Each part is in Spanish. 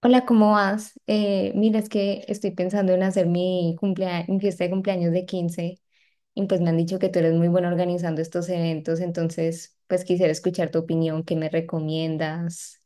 Hola, ¿cómo vas? Mira, es que estoy pensando en hacer mi fiesta de cumpleaños de 15, y pues me han dicho que tú eres muy buena organizando estos eventos, entonces pues quisiera escuchar tu opinión. ¿Qué me recomiendas?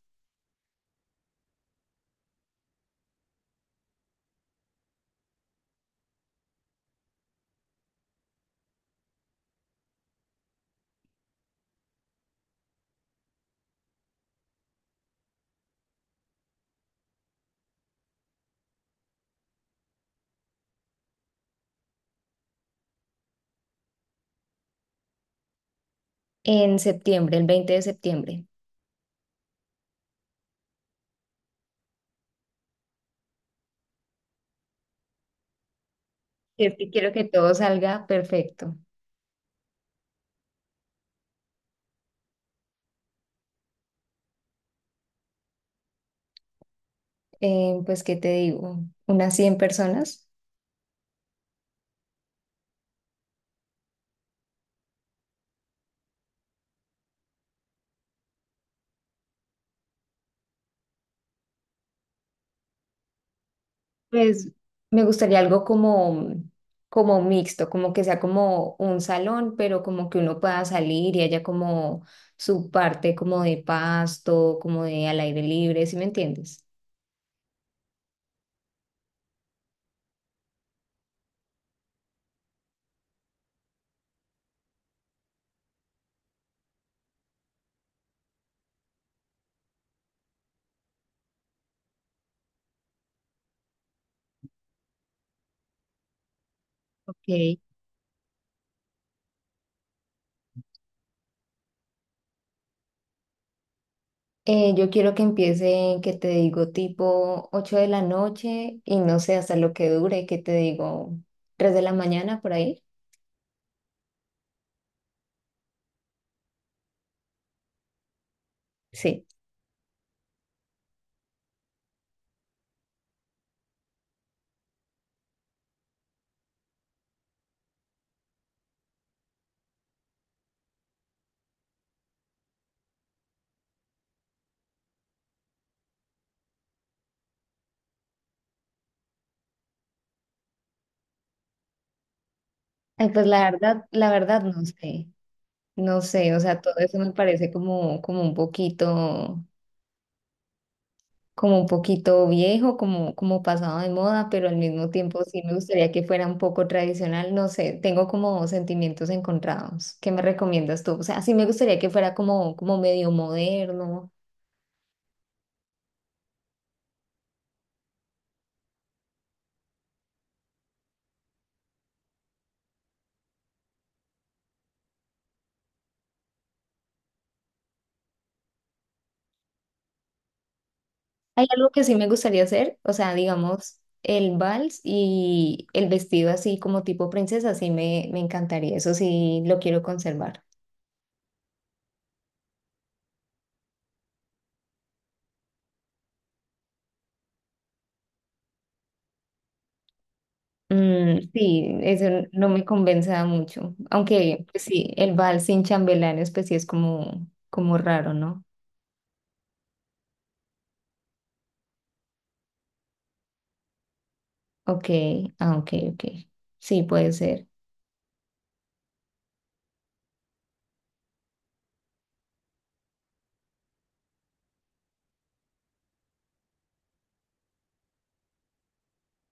En septiembre, ¿el 20 de septiembre? Si es que quiero que todo salga perfecto. Pues, ¿qué te digo? ¿Unas 100 personas? Pues me gustaría algo como, como mixto, como que sea como un salón, pero como que uno pueda salir y haya como su parte como de pasto, como de al aire libre, ¿sí me entiendes? Ok. Yo quiero que empiece, que te digo, tipo 8 de la noche, y no sé hasta lo que dure, que te digo, 3 de la mañana por ahí. Sí. Ay, pues la verdad no sé, no sé, o sea, todo eso me parece como, como un poquito, como un poquito viejo, como, como pasado de moda, pero al mismo tiempo sí me gustaría que fuera un poco tradicional. No sé, tengo como sentimientos encontrados. ¿Qué me recomiendas tú? O sea, sí me gustaría que fuera como, como medio moderno. Hay algo que sí me gustaría hacer, o sea, digamos, el vals y el vestido así como tipo princesa, sí me encantaría. Eso sí lo quiero conservar. Mm, sí, eso no me convenza mucho. Aunque pues sí, el vals sin chambelanes, pues sí es como, como raro, ¿no? Ok, ah, ok, ok. Sí, puede ser.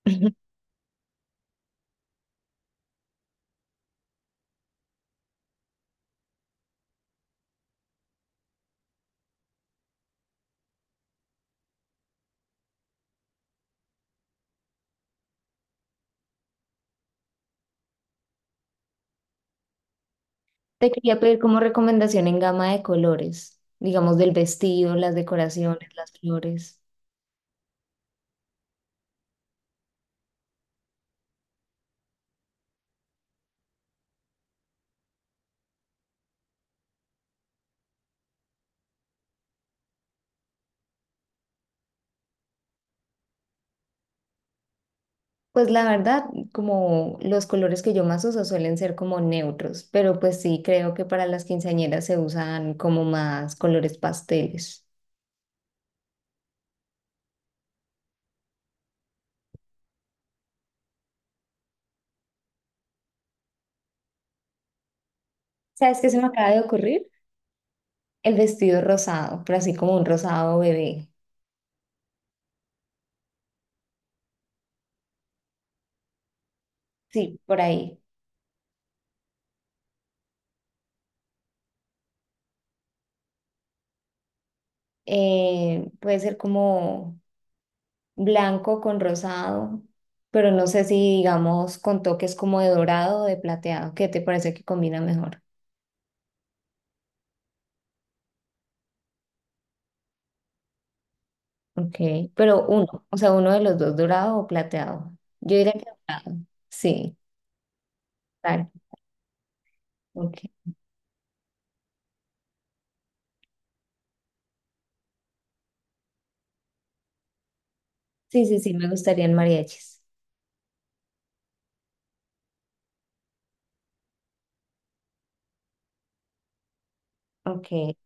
Te quería pedir como recomendación en gama de colores, digamos del vestido, las decoraciones, las flores. Pues la verdad, como los colores que yo más uso suelen ser como neutros, pero pues sí, creo que para las quinceañeras se usan como más colores pasteles. ¿Sabes qué se me acaba de ocurrir? El vestido rosado, pero así como un rosado bebé. Sí, por ahí. Puede ser como blanco con rosado, pero no sé si digamos con toques como de dorado o de plateado. ¿Qué te parece que combina mejor? Ok, pero uno, o sea, uno de los dos, ¿dorado o plateado? Yo diría que dorado. Sí, claro. Ok. Sí, sí, sí, me gustarían mariachis. Ok.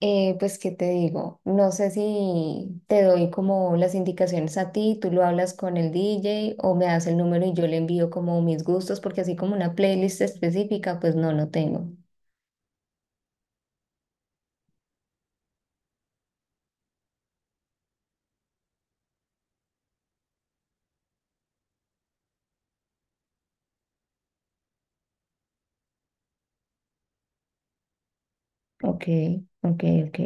Pues, ¿qué te digo? No sé si te doy como las indicaciones a ti, tú lo hablas con el DJ, o me das el número y yo le envío como mis gustos, porque así como una playlist específica, pues no, no tengo. Ok, ok, ok.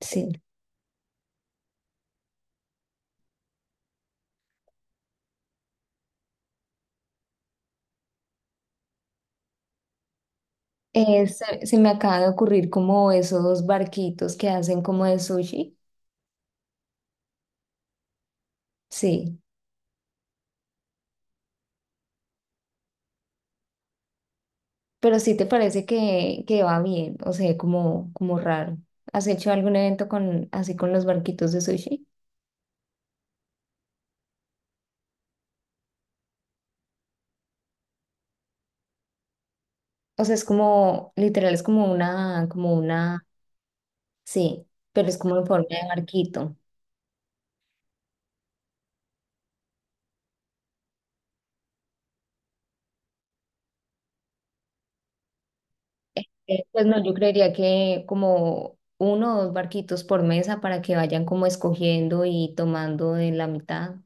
Sí. Se me acaba de ocurrir como esos barquitos que hacen como de sushi. Sí, pero sí te parece que va bien, o sea, como, como raro. ¿Has hecho algún evento con, así con los barquitos de sushi? O sea, es como, literal, es como una, sí, pero es como en forma de barquito. Este, pues no, yo creería que como uno o dos barquitos por mesa para que vayan como escogiendo y tomando de la mitad.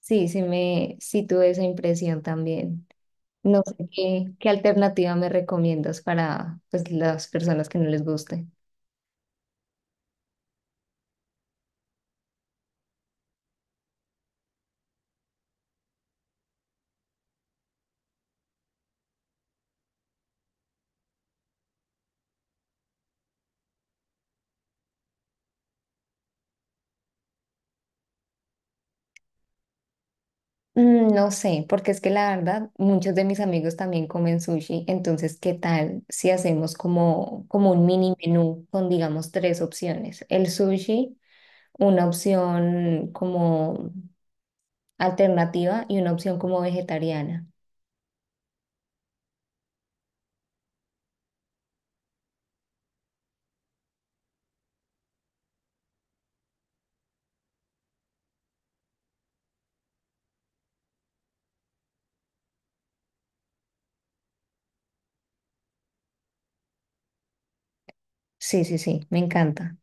Sí, sí me, sí tuve esa impresión también. No sé qué alternativa me recomiendas para pues las personas que no les guste. Mm, no sé, porque es que la verdad, muchos de mis amigos también comen sushi, entonces, ¿qué tal si hacemos como, como un mini menú con, digamos, 3 opciones? El sushi, una opción como alternativa y una opción como vegetariana. Sí, sí, sí, me encanta.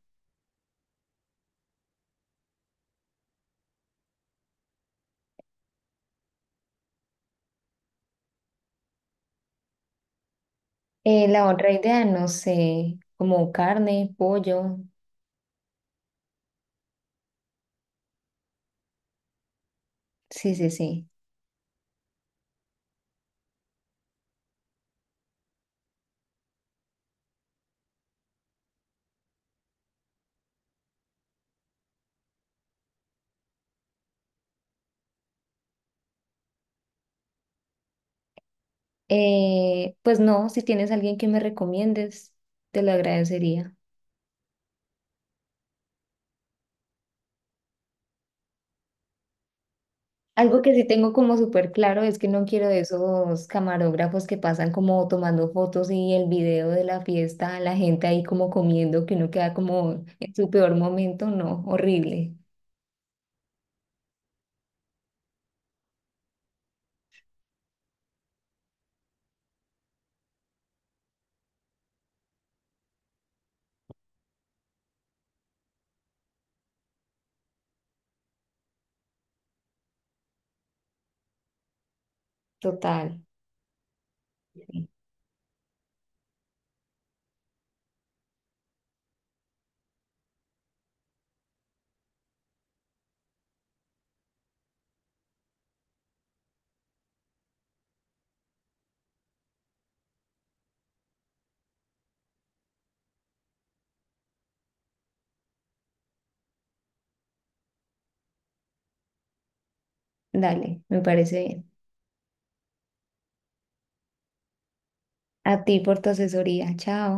La otra idea, no sé, como carne, pollo. Sí, sí, sí. Pues no, si tienes alguien que me recomiendes, te lo agradecería. Algo que sí tengo como súper claro es que no quiero de esos camarógrafos que pasan como tomando fotos y el video de la fiesta, la gente ahí como comiendo, que uno queda como en su peor momento. No, horrible, total. Sí. Dale, me parece bien. A ti por tu asesoría, chao.